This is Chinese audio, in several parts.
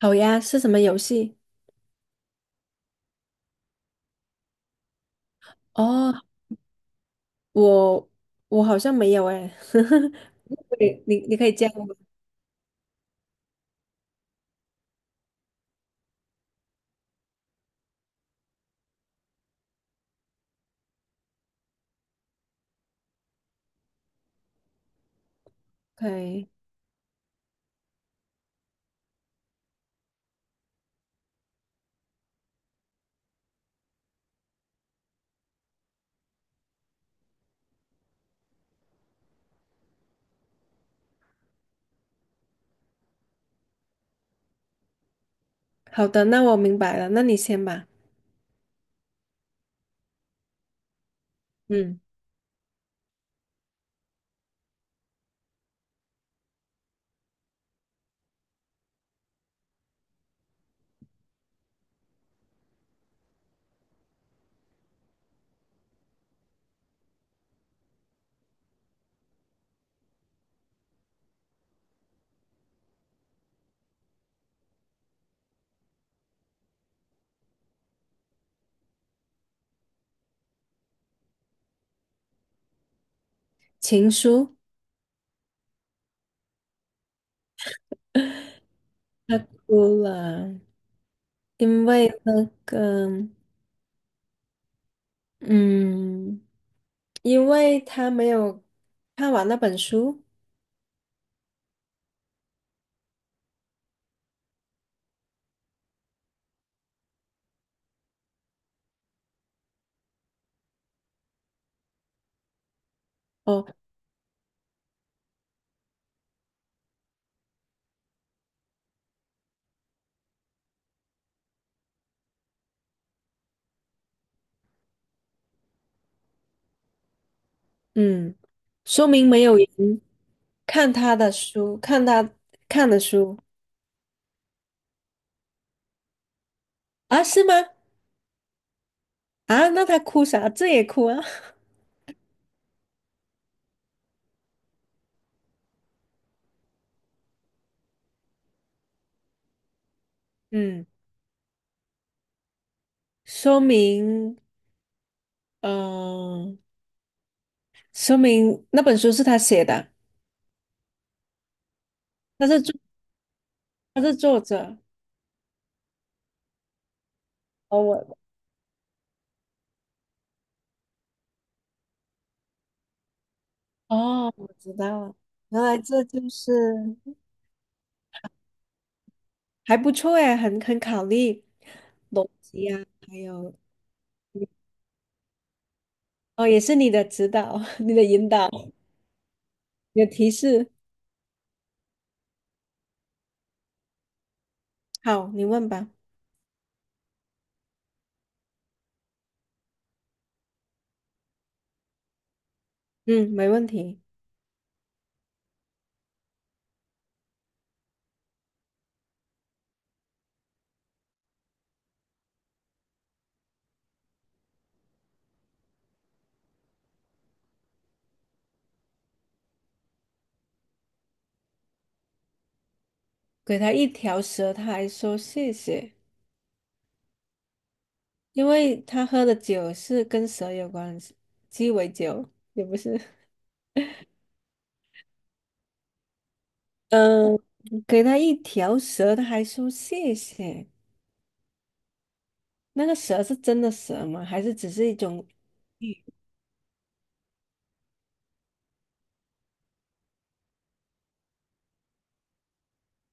好呀，是什么游戏？哦，我我好像没有哎，对，你可以教我。OK，好的，那我明白了，那你先吧。嗯，情书，他哭了，因为那个，嗯，因为他没有看完那本书。哦，嗯，说明没有人看他的书，看的书啊？是吗？啊，那他哭啥？这也哭啊？嗯。说明，嗯、说明那本书是他写的，他是作他是作者。哦，我哦，我知道了，原来这就是还不错哎，很考虑逻辑啊，还有哦，也是你的指导、你的引导、你的提示。好，你问吧。嗯，没问题。给他一条蛇，他还说谢谢，因为他喝的酒是跟蛇有关系，鸡尾酒也不是。嗯，给他一条蛇，他还说谢谢。那个蛇是真的蛇吗？还是只是一种喻？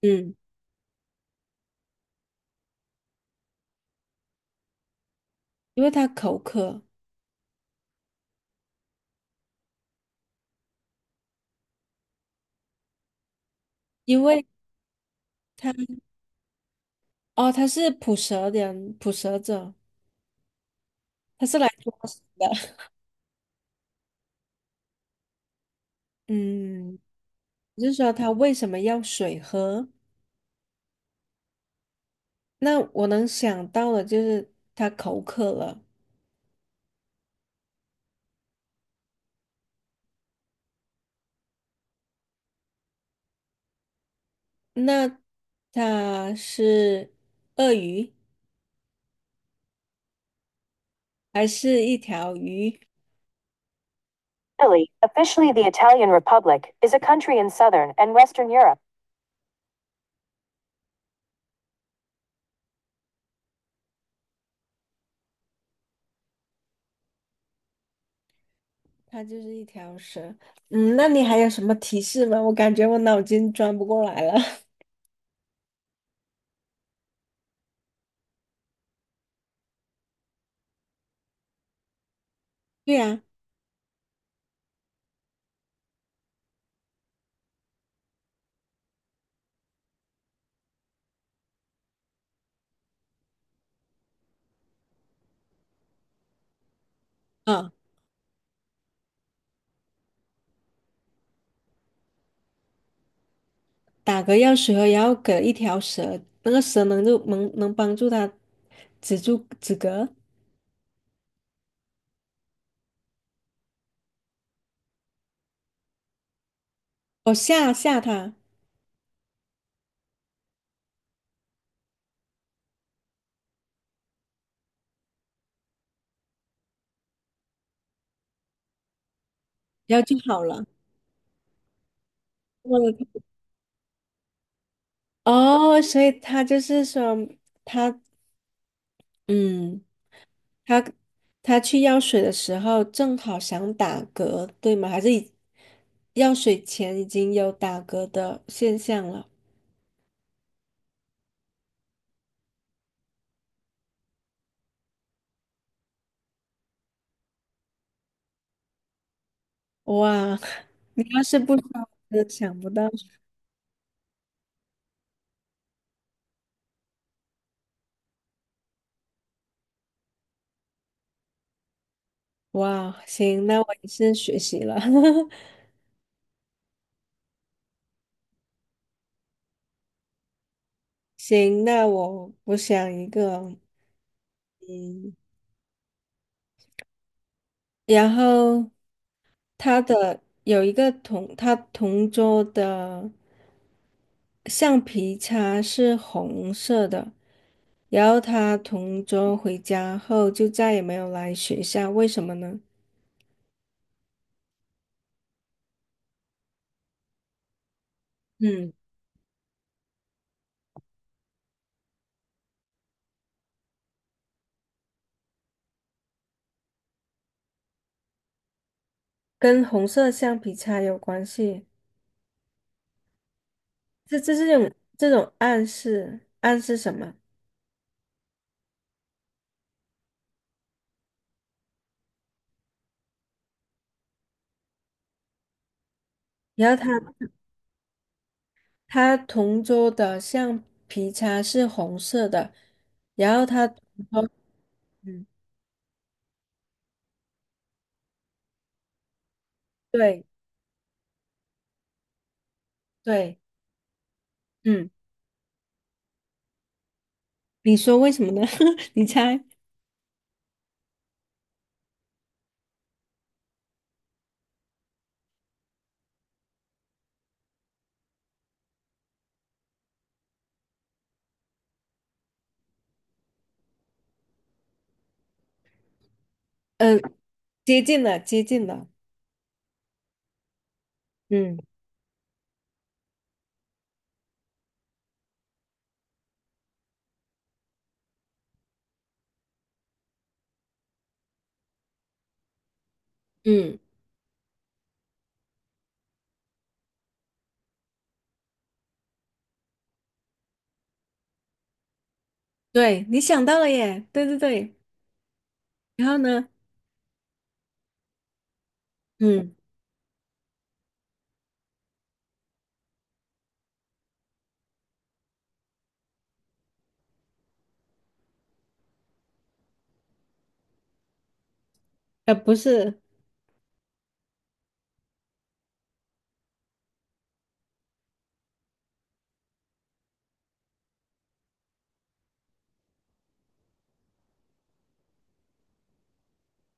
嗯，因为他口渴，因为他哦，他是捕蛇人，捕蛇者，他是来抓蛇的。嗯，就是说他为什么要水喝？那我能想到的就是他口渴了。那他是鳄鱼，还是一条鱼？Italy, officially the Italian Republic, is a country in southern and western Europe. 它就是一条蛇。嗯，那你还有什么提示吗？我感觉我脑筋转不过来了。对呀，啊，打嗝药水后，然后给一条蛇，那个蛇能就能帮助它止嗝，我吓吓它，然后就好了。我的天哦，所以他就是说，他嗯，他他去药水的时候正好想打嗝，对吗？还是已药水前已经有打嗝的现象了。哇，你要是不说，我真的想不到。哇，行，那我也是学习了。行，那我想一个，嗯，然后他的有一个同他同桌的橡皮擦是红色的，然后他同桌回家后就再也没有来学校，为什么呢？嗯，跟红色橡皮擦有关系。这种暗示，暗示什么？然后他同桌的橡皮擦是红色的，然后他同桌，嗯，对对，嗯，你说为什么呢？你猜？呃，接近了，接近了，嗯嗯，对，你想到了耶，对对对，然后呢？嗯，呃，不是，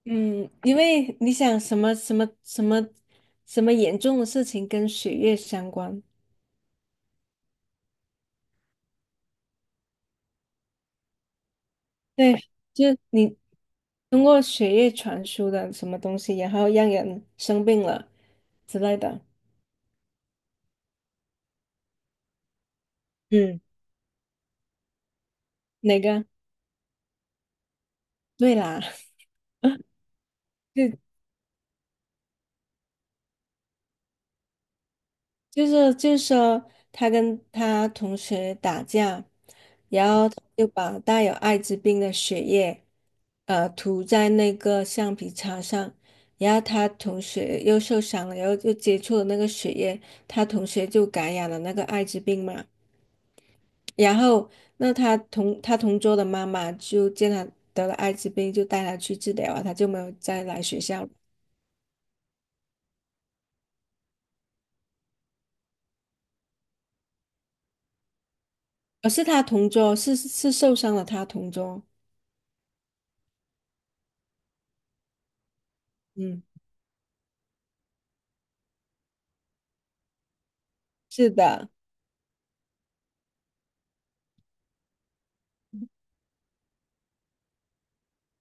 嗯，因为你想什么严重的事情跟血液相关，对。就你通过血液传输的什么东西，然后让人生病了之类的。嗯哪个？对啦，就就是说，他跟他同学打架，然后他就把带有艾滋病的血液，呃，涂在那个橡皮擦上，然后他同学又受伤了，然后又接触了那个血液，他同学就感染了那个艾滋病嘛。然后，那他同桌的妈妈就见他得了艾滋病，就带他去治疗啊，他就没有再来学校了。而是他同桌，是受伤了，他同桌。嗯，是的，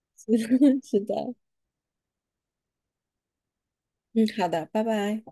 是的，是的。嗯，好的，拜拜。